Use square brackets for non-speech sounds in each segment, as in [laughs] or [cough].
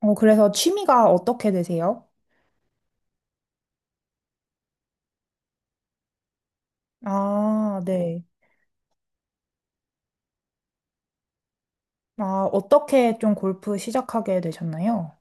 그래서 취미가 어떻게 되세요? 아, 네. 아, 어떻게 좀 골프 시작하게 되셨나요?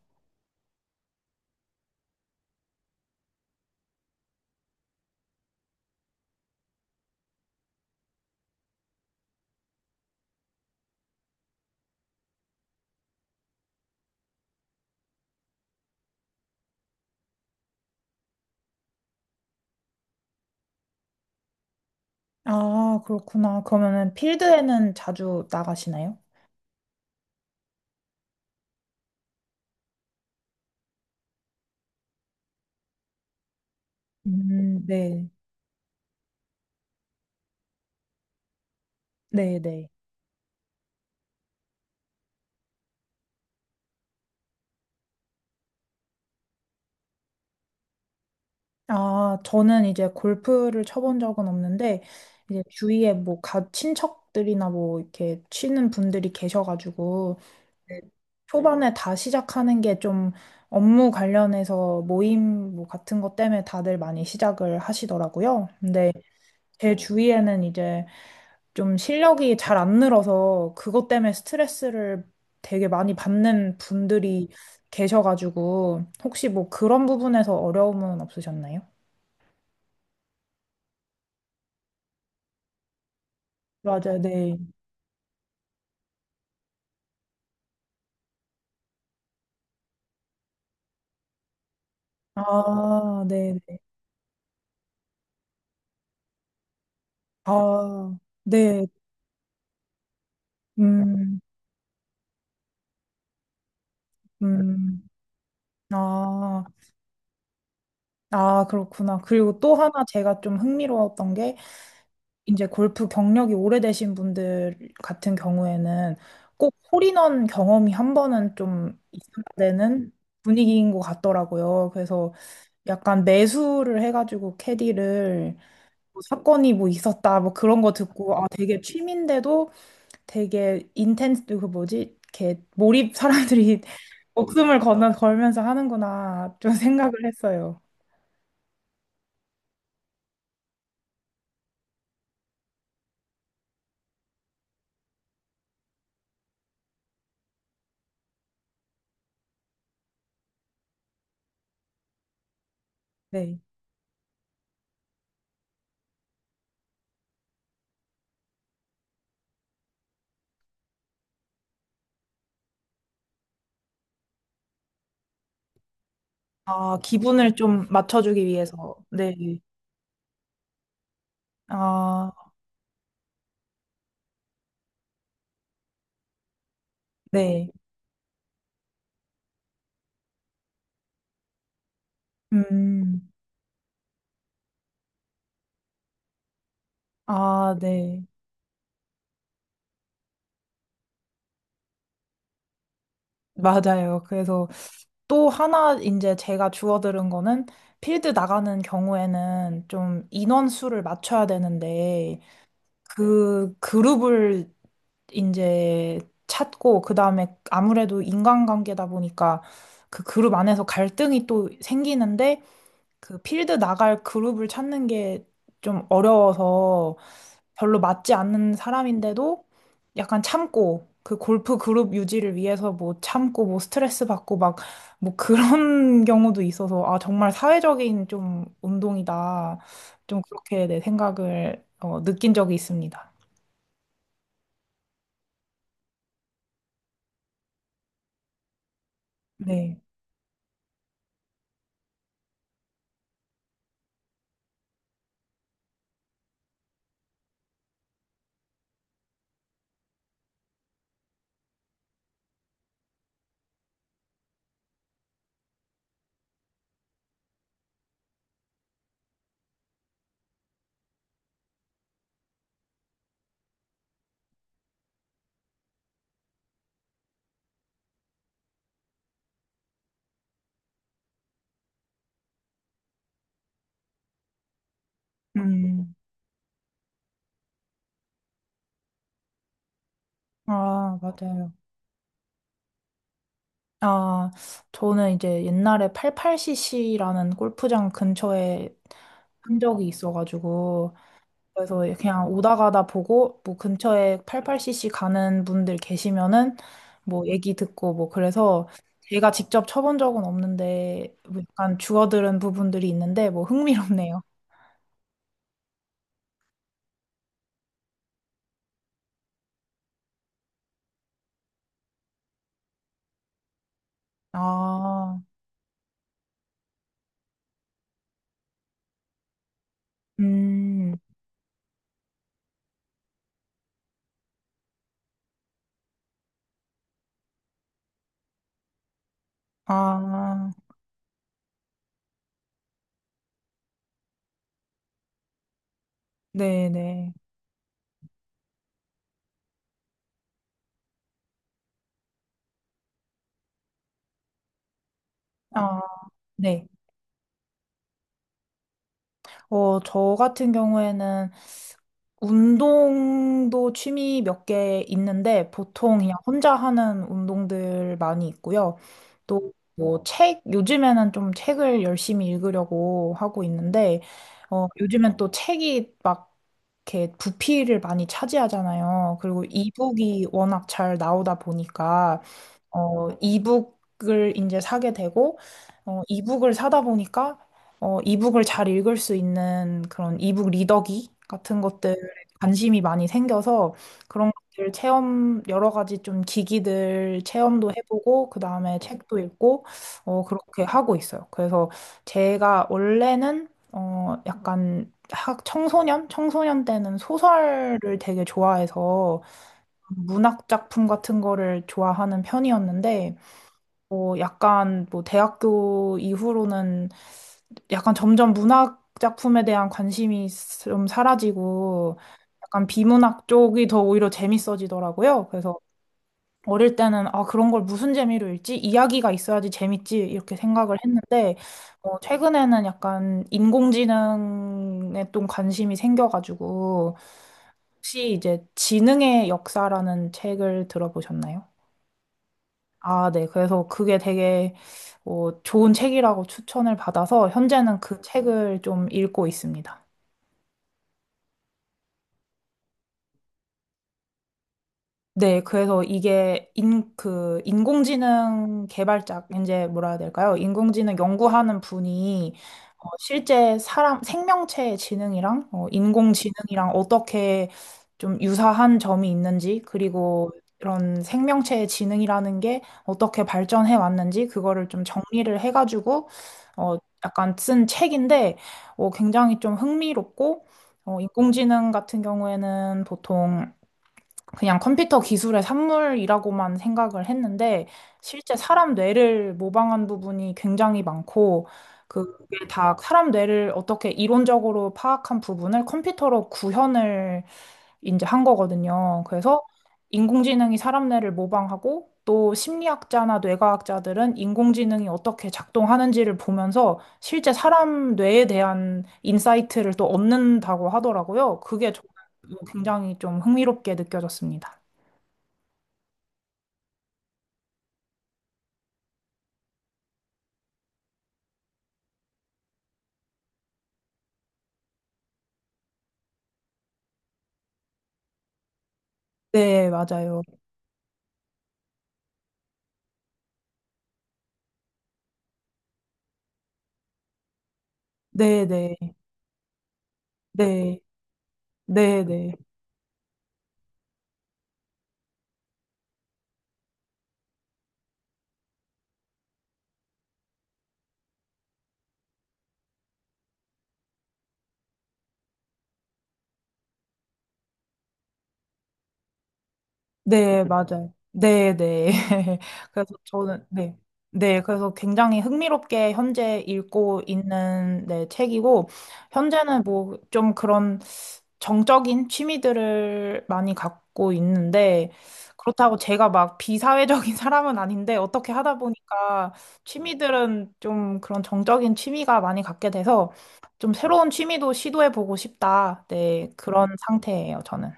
아, 그렇구나. 그러면은 필드에는 자주 나가시나요? 네. 네, 네. 아, 저는 이제 골프를 쳐본 적은 없는데, 이제 주위에 뭐, 친척들이나 뭐, 이렇게 치는 분들이 계셔가지고, 네. 초반에 다 시작하는 게 좀 업무 관련해서 모임 뭐 같은 것 때문에 다들 많이 시작을 하시더라고요. 근데 제 주위에는 이제 좀 실력이 잘 안 늘어서 그것 때문에 스트레스를 되게 많이 받는 분들이 계셔가지고 혹시 뭐 그런 부분에서 어려움은 없으셨나요? 맞아요, 네. 아, 네. 네. 아, 네. 음, 음. 아. 아, 그렇구나. 그리고 또 하나 제가 좀 흥미로웠던 게, 이제 골프 경력이 오래되신 분들 같은 경우에는 꼭 홀인원 경험이 한 번은 좀 있어야 되는 분위기인 것 같더라고요. 그래서 약간 매수를 해가지고 캐디를 뭐 사건이 뭐 있었다, 뭐 그런 거 듣고, 아, 되게 취미인데도 되게 인텐스, 그 뭐지? 이렇게 몰입 사람들이 [laughs] 목숨을 건 걸면서 하는구나, 좀 생각을 했어요. 네. 아, 기분을 좀 맞춰주기 위해서. 네. 아, 네. 음. 아, 네. 맞아요. 그래서 또 하나 이제 제가 주워들은 거는 필드 나가는 경우에는 좀 인원수를 맞춰야 되는데 그 그룹을 이제 찾고 그다음에 아무래도 인간관계다 보니까 그 그룹 안에서 갈등이 또 생기는데 그 필드 나갈 그룹을 찾는 게 좀 어려워서 별로 맞지 않는 사람인데도 약간 참고 그 골프 그룹 유지를 위해서 뭐 참고 뭐 스트레스 받고 막 뭐 그런 [laughs] 경우도 있어서 아 정말 사회적인 좀 운동이다 좀 그렇게 내 생각을 느낀 적이 있습니다. 네. 음. 아, 맞아요. 아, 저는 이제 옛날에 88cc라는 골프장 근처에 한 적이 있어가지고, 그래서 예, 그냥 오다 가다 보고, 뭐 근처에 88cc 가는 분들 계시면은, 뭐 얘기 듣고, 뭐 그래서 제가 직접 쳐본 적은 없는데, 뭐 약간 주워들은 부분들이 있는데, 뭐 흥미롭네요. 아, 음, 아, 네네. 아, 네. 저 같은 경우에는 운동도 취미 몇 개 있는데 보통 그냥 혼자 하는 운동들 많이 있고요. 또 뭐 요즘에는 좀 책을 열심히 읽으려고 하고 있는데, 요즘엔 또 책이 막 이렇게 부피를 많이 차지하잖아요. 그리고 이북이 워낙 잘 나오다 보니까 이북을 이제 사게 되고, 이북을 사다 보니까, 이북을 잘 읽을 수 있는 그런 이북 리더기 같은 것들에 관심이 많이 생겨서 그런 것들 체험, 여러 가지 좀 기기들 체험도 해보고, 그 다음에 책도 읽고, 그렇게 하고 있어요. 그래서 제가 원래는, 약간 청소년? 청소년 때는 소설을 되게 좋아해서, 문학 작품 같은 거를 좋아하는 편이었는데, 약간 뭐 대학교 이후로는 약간 점점 문학 작품에 대한 관심이 좀 사라지고, 약간 비문학 쪽이 더 오히려 재밌어지더라고요. 그래서 어릴 때는 아, 그런 걸 무슨 재미로 읽지? 이야기가 있어야지 재밌지. 이렇게 생각을 했는데, 최근에는 약간 인공지능에 좀 관심이 생겨가지고, 혹시 이제 지능의 역사라는 책을 들어보셨나요? 아, 네. 그래서 그게 되게 좋은 책이라고 추천을 받아서 현재는 그 책을 좀 읽고 있습니다. 네, 그래서 이게 인공지능 개발자, 이제 뭐라 해야 될까요? 인공지능 연구하는 분이 실제 사람, 생명체의 지능이랑 인공지능이랑 어떻게 좀 유사한 점이 있는지, 그리고 이런 생명체의 지능이라는 게 어떻게 발전해 왔는지, 그거를 좀 정리를 해가지고, 어, 약간 쓴 책인데, 굉장히 좀 흥미롭고, 인공지능 같은 경우에는 보통 그냥 컴퓨터 기술의 산물이라고만 생각을 했는데 실제 사람 뇌를 모방한 부분이 굉장히 많고 그게 다 사람 뇌를 어떻게 이론적으로 파악한 부분을 컴퓨터로 구현을 이제 한 거거든요. 그래서 인공지능이 사람 뇌를 모방하고 또 심리학자나 뇌과학자들은 인공지능이 어떻게 작동하는지를 보면서 실제 사람 뇌에 대한 인사이트를 또 얻는다고 하더라고요. 그게 굉장히 좀 흥미롭게 느껴졌습니다. 네, 맞아요. 네, 네, 네, 네, 네. 네, 맞아요. 네, 네. [laughs] 그래서 저는, 네. 네, 그래서 굉장히 흥미롭게 현재 읽고 있는 네, 책이고, 현재는 뭐 좀 그런 정적인 취미들을 많이 갖고 있는데, 그렇다고 제가 막 비사회적인 [laughs] 사람은 아닌데, 어떻게 하다 보니까 취미들은 좀 그런 정적인 취미가 많이 갖게 돼서, 좀 새로운 취미도 시도해보고 싶다. 네, 그런 상태예요, 저는.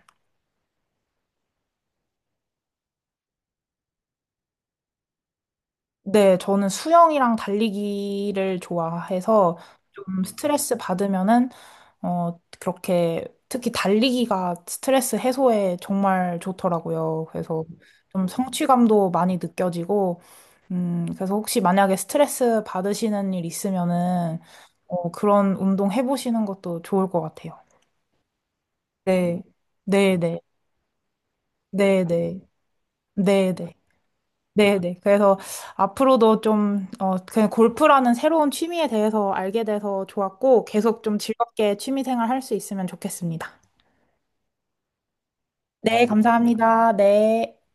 네, 저는 수영이랑 달리기를 좋아해서 좀 스트레스 받으면은, 그렇게 특히 달리기가 스트레스 해소에 정말 좋더라고요. 그래서 좀 성취감도 많이 느껴지고, 그래서 혹시 만약에 스트레스 받으시는 일 있으면은, 그런 운동 해보시는 것도 좋을 것 같아요. 네, 네, 네, 네, 네, 네, 네. 네네. 그래서 앞으로도 좀, 그냥 골프라는 새로운 취미에 대해서 알게 돼서 좋았고, 계속 좀 즐겁게 취미 생활 할 수 있으면 좋겠습니다. 네, 감사합니다. 네.